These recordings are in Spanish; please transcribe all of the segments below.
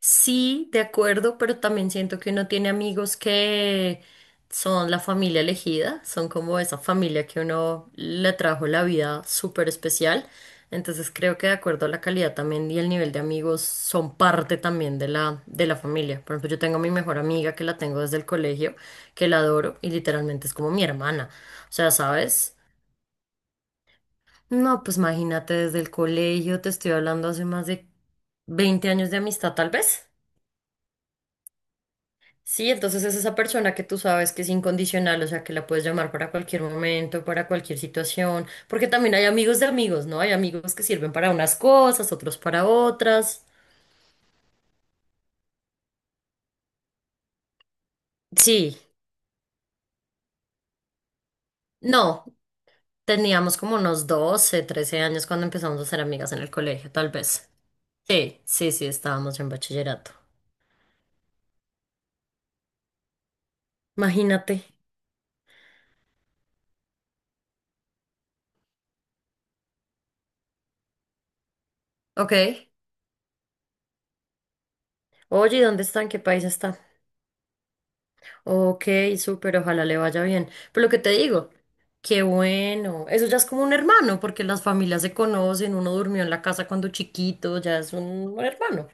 Sí, de acuerdo, pero también siento que uno tiene amigos que son la familia elegida, son como esa familia que uno le trajo la vida súper especial. Entonces creo que de acuerdo a la calidad también y el nivel de amigos son parte también de la familia. Por ejemplo, yo tengo a mi mejor amiga que la tengo desde el colegio, que la adoro y literalmente es como mi hermana. O sea, ¿sabes? No, pues imagínate desde el colegio, te estoy hablando hace más de 20 años de amistad tal vez. Sí, entonces es esa persona que tú sabes que es incondicional, o sea, que la puedes llamar para cualquier momento, para cualquier situación, porque también hay amigos de amigos, ¿no? Hay amigos que sirven para unas cosas, otros para otras. Sí, no, teníamos como unos 12, 13 años cuando empezamos a ser amigas en el colegio, tal vez. Sí, sí, sí, estábamos en bachillerato. Imagínate. Ok. Oye, ¿y ¿dónde está? ¿En qué país está? Ok, súper, ojalá le vaya bien. Pero lo que te digo, qué bueno. Eso ya es como un hermano, porque las familias se conocen, uno durmió en la casa cuando chiquito, ya es un hermano.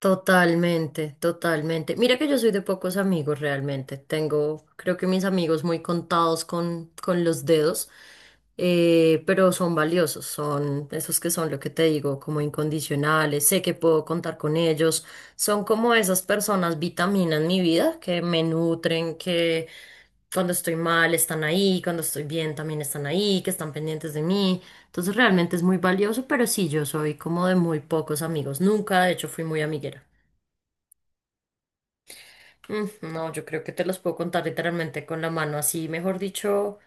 Totalmente, totalmente. Mira que yo soy de pocos amigos realmente. Tengo, creo que mis amigos muy contados con los dedos, pero son valiosos, son esos que son lo que te digo, como incondicionales. Sé que puedo contar con ellos. Son como esas personas vitaminas en mi vida que me nutren, que cuando estoy mal están ahí, cuando estoy bien también están ahí, que están pendientes de mí. Entonces realmente es muy valioso, pero sí, yo soy como de muy pocos amigos. Nunca, de hecho, fui muy amiguera. Mm, no, yo creo que te los puedo contar literalmente con la mano, así, mejor dicho,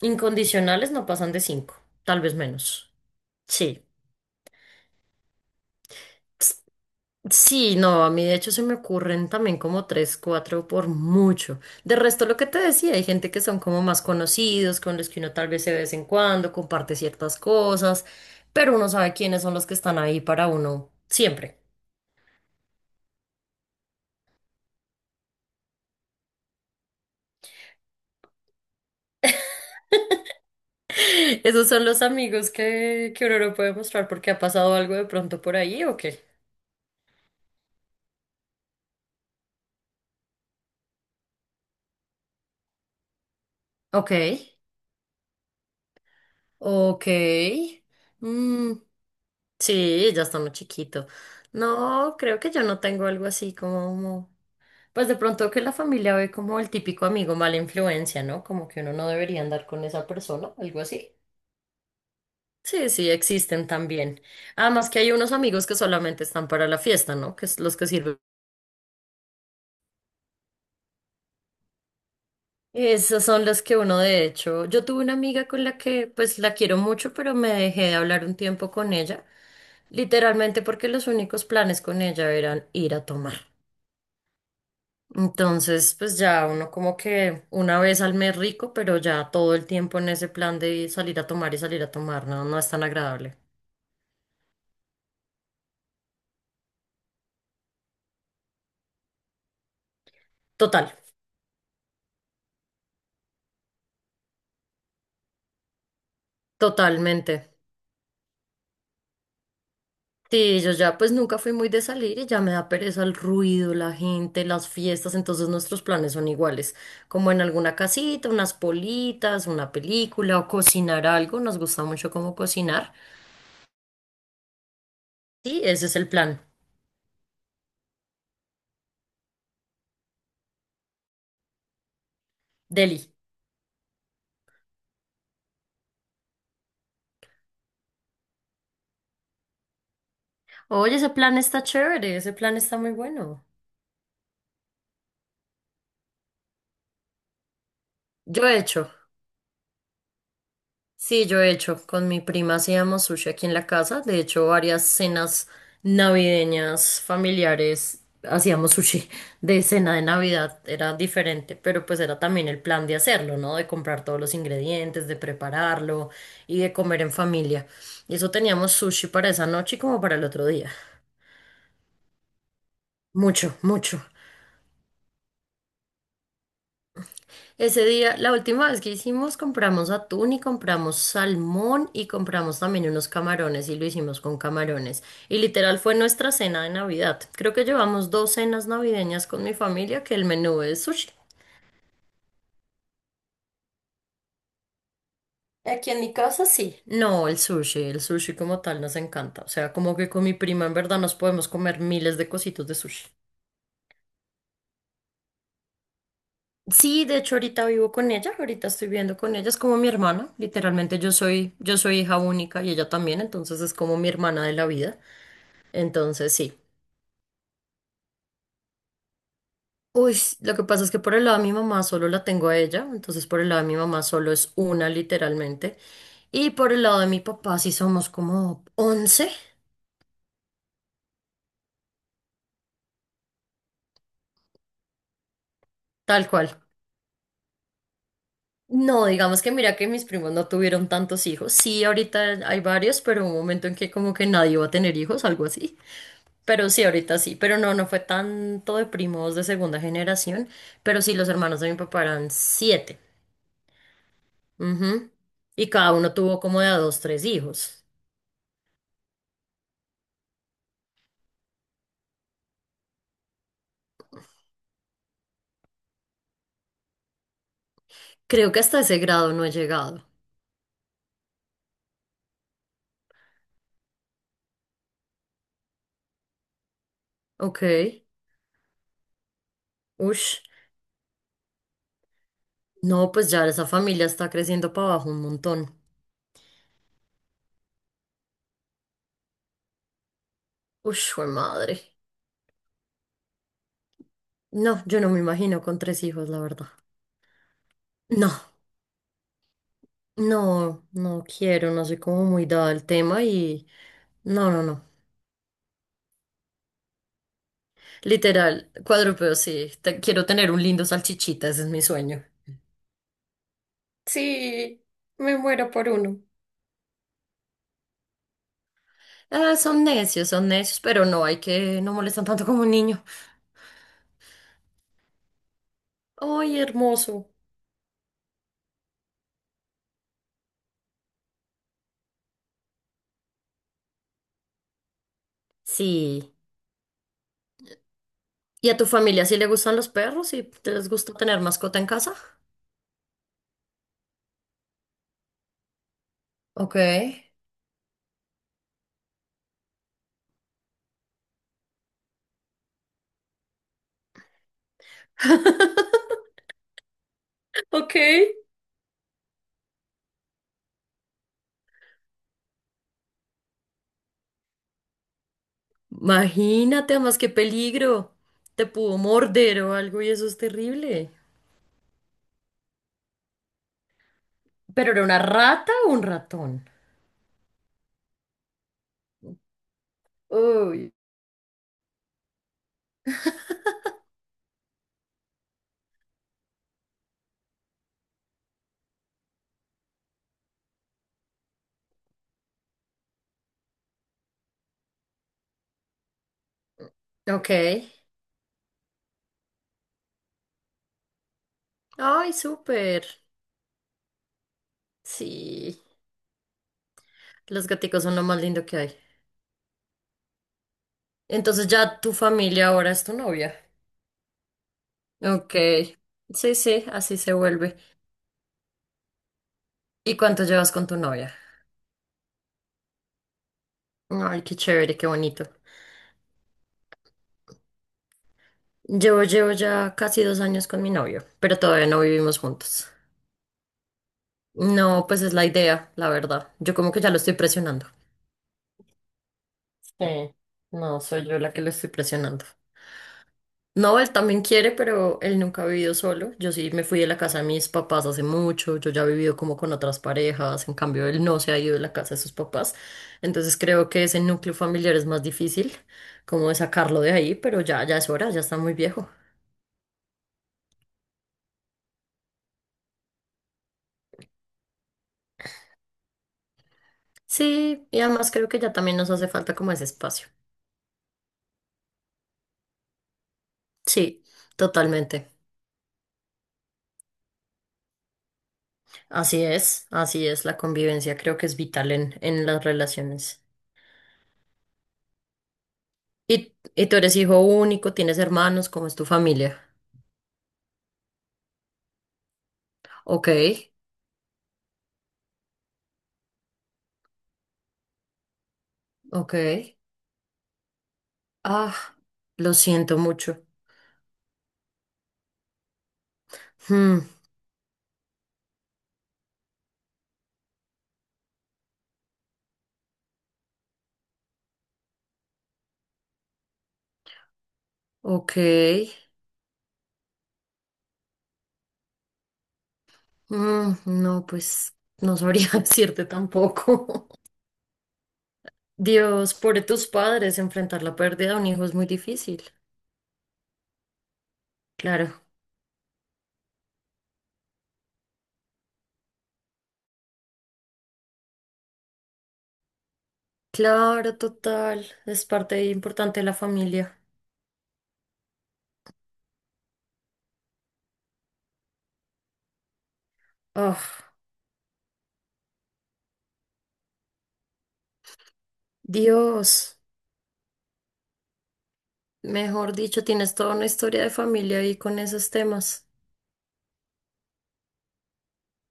incondicionales no pasan de cinco, tal vez menos. Sí. Ps- Sí, no, a mí de hecho se me ocurren también como tres, cuatro por mucho. De resto, lo que te decía, hay gente que son como más conocidos, con los que uno tal vez se ve de vez en cuando, comparte ciertas cosas, pero uno sabe quiénes son los que están ahí para uno siempre. Esos son los amigos que uno no puede mostrar porque ha pasado algo de pronto por ahí ¿o qué? Ok, ok. Mm, sí, ya está muy chiquito. No, creo que yo no tengo algo así como... Pues de pronto que la familia ve como el típico amigo mala influencia, ¿no? Como que uno no debería andar con esa persona, algo así. Sí, sí, existen también. Además que hay unos amigos que solamente están para la fiesta, ¿no? Que es los que sirven. Esas son las que uno de hecho, yo tuve una amiga con la que pues la quiero mucho, pero me dejé de hablar un tiempo con ella, literalmente porque los únicos planes con ella eran ir a tomar. Entonces, pues ya uno como que una vez al mes rico, pero ya todo el tiempo en ese plan de salir a tomar y salir a tomar, no, no es tan agradable. Total, totalmente. Sí, yo ya pues nunca fui muy de salir y ya me da pereza el ruido, la gente, las fiestas, entonces nuestros planes son iguales, como en alguna casita, unas politas, una película o cocinar algo, nos gusta mucho como cocinar. Sí, ese es el plan. Deli. Oye, ese plan está chévere, ese plan está muy bueno. Yo he hecho. Sí, yo he hecho con mi prima, hacíamos sushi aquí en la casa. De hecho, varias cenas navideñas familiares hacíamos sushi de cena de Navidad. Era diferente, pero pues era también el plan de hacerlo, ¿no? De comprar todos los ingredientes, de prepararlo y de comer en familia. Y eso teníamos sushi para esa noche y como para el otro día. Mucho, mucho. Ese día, la última vez que hicimos, compramos atún y compramos salmón y compramos también unos camarones y lo hicimos con camarones. Y literal fue nuestra cena de Navidad. Creo que llevamos dos cenas navideñas con mi familia, que el menú es sushi. Aquí en mi casa sí. No, el sushi como tal nos encanta. O sea, como que con mi prima en verdad nos podemos comer miles de cositos de sushi. Sí, de hecho ahorita vivo con ella, ahorita estoy viviendo con ella, es como mi hermana, literalmente yo soy hija única y ella también, entonces es como mi hermana de la vida, entonces sí. Uy, lo que pasa es que por el lado de mi mamá solo la tengo a ella, entonces por el lado de mi mamá solo es una literalmente, y por el lado de mi papá sí somos como 11, tal cual. No, digamos que mira que mis primos no tuvieron tantos hijos, sí, ahorita hay varios, pero hubo un momento en que como que nadie iba a tener hijos, algo así. Pero sí, ahorita sí, pero no, no fue tanto de primos de segunda generación, pero sí, los hermanos de mi papá eran siete. Ujú. Y cada uno tuvo como de a dos, tres hijos. Creo que hasta ese grado no he llegado. Ok. Ush. No, pues ya esa familia está creciendo para abajo un montón. Ush, jue madre. No, yo no me imagino con tres hijos, la verdad. No, no, no quiero, no soy como muy dada al tema y... No, no, no. Literal, cuadrúpedo, sí. Quiero tener un lindo salchichita, ese es mi sueño. Sí, me muero por uno. Ah, son necios, pero no, hay que no molestan tanto como un niño. Ay, hermoso. Sí. ¿Y a tu familia sí le gustan los perros y te les gusta tener mascota en casa? Ok. Ok. Imagínate, además qué peligro. Te pudo morder o algo y eso es terrible. ¿Pero era una rata o un ratón? Uy. Ok. Ay, súper. Sí, los gaticos son lo más lindo que hay. Entonces ya tu familia ahora es tu novia. Ok. Sí, sí, así se vuelve. ¿Y cuánto llevas con tu novia? Ay, qué chévere, qué bonito. Llevo, llevo ya casi dos años con mi novio, pero todavía no vivimos juntos. No, pues es la idea, la verdad. Yo como que ya lo estoy presionando. Sí, no, soy yo la que lo estoy presionando. No, él también quiere, pero él nunca ha vivido solo. Yo sí me fui de la casa de mis papás hace mucho, yo ya he vivido como con otras parejas, en cambio él no se ha ido de la casa de sus papás. Entonces creo que ese núcleo familiar es más difícil, como de sacarlo de ahí, pero ya, ya es hora, ya está muy viejo. Sí, y además creo que ya también nos hace falta como ese espacio. Sí, totalmente. Así es, la convivencia creo que es vital en las relaciones. Y tú eres hijo único? ¿Tienes hermanos? ¿Cómo es tu familia? Ok. Ok. Ah, lo siento mucho. Hmm, ok. Mm, no, pues no sabría decirte tampoco. Dios, pobre tus padres, enfrentar la pérdida de un hijo es muy difícil. Claro. Claro, total. Es parte importante de la familia. Oh, Dios. Mejor dicho, tienes toda una historia de familia ahí con esos temas.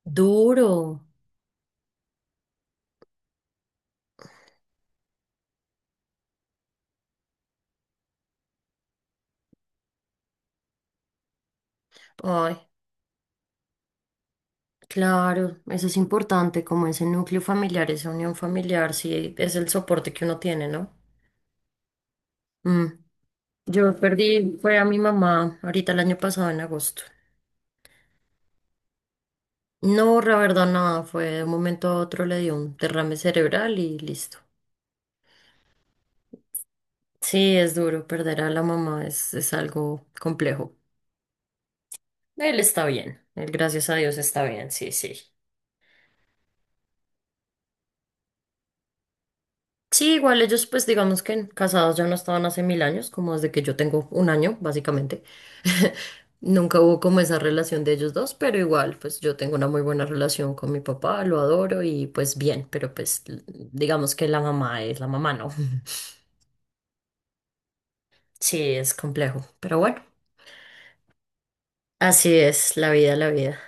Duro. Ay. Claro, eso es importante, como ese núcleo familiar, esa unión familiar, sí, es el soporte que uno tiene, ¿no? Mm. Yo perdí, fue a mi mamá ahorita el año pasado en agosto. No, la verdad, nada, fue de un momento a otro le dio un derrame cerebral y listo. Sí, es duro, perder a la mamá es algo complejo. Él está bien, él gracias a Dios está bien, sí, sí. Sí, igual ellos pues digamos que casados ya no estaban hace mil años, como desde que yo tengo un año, básicamente. Nunca hubo como esa relación de ellos dos, pero igual pues yo tengo una muy buena relación con mi papá, lo adoro y pues bien, pero digamos que la mamá es la mamá, ¿no? Sí, es complejo, pero bueno, así es la vida, la vida.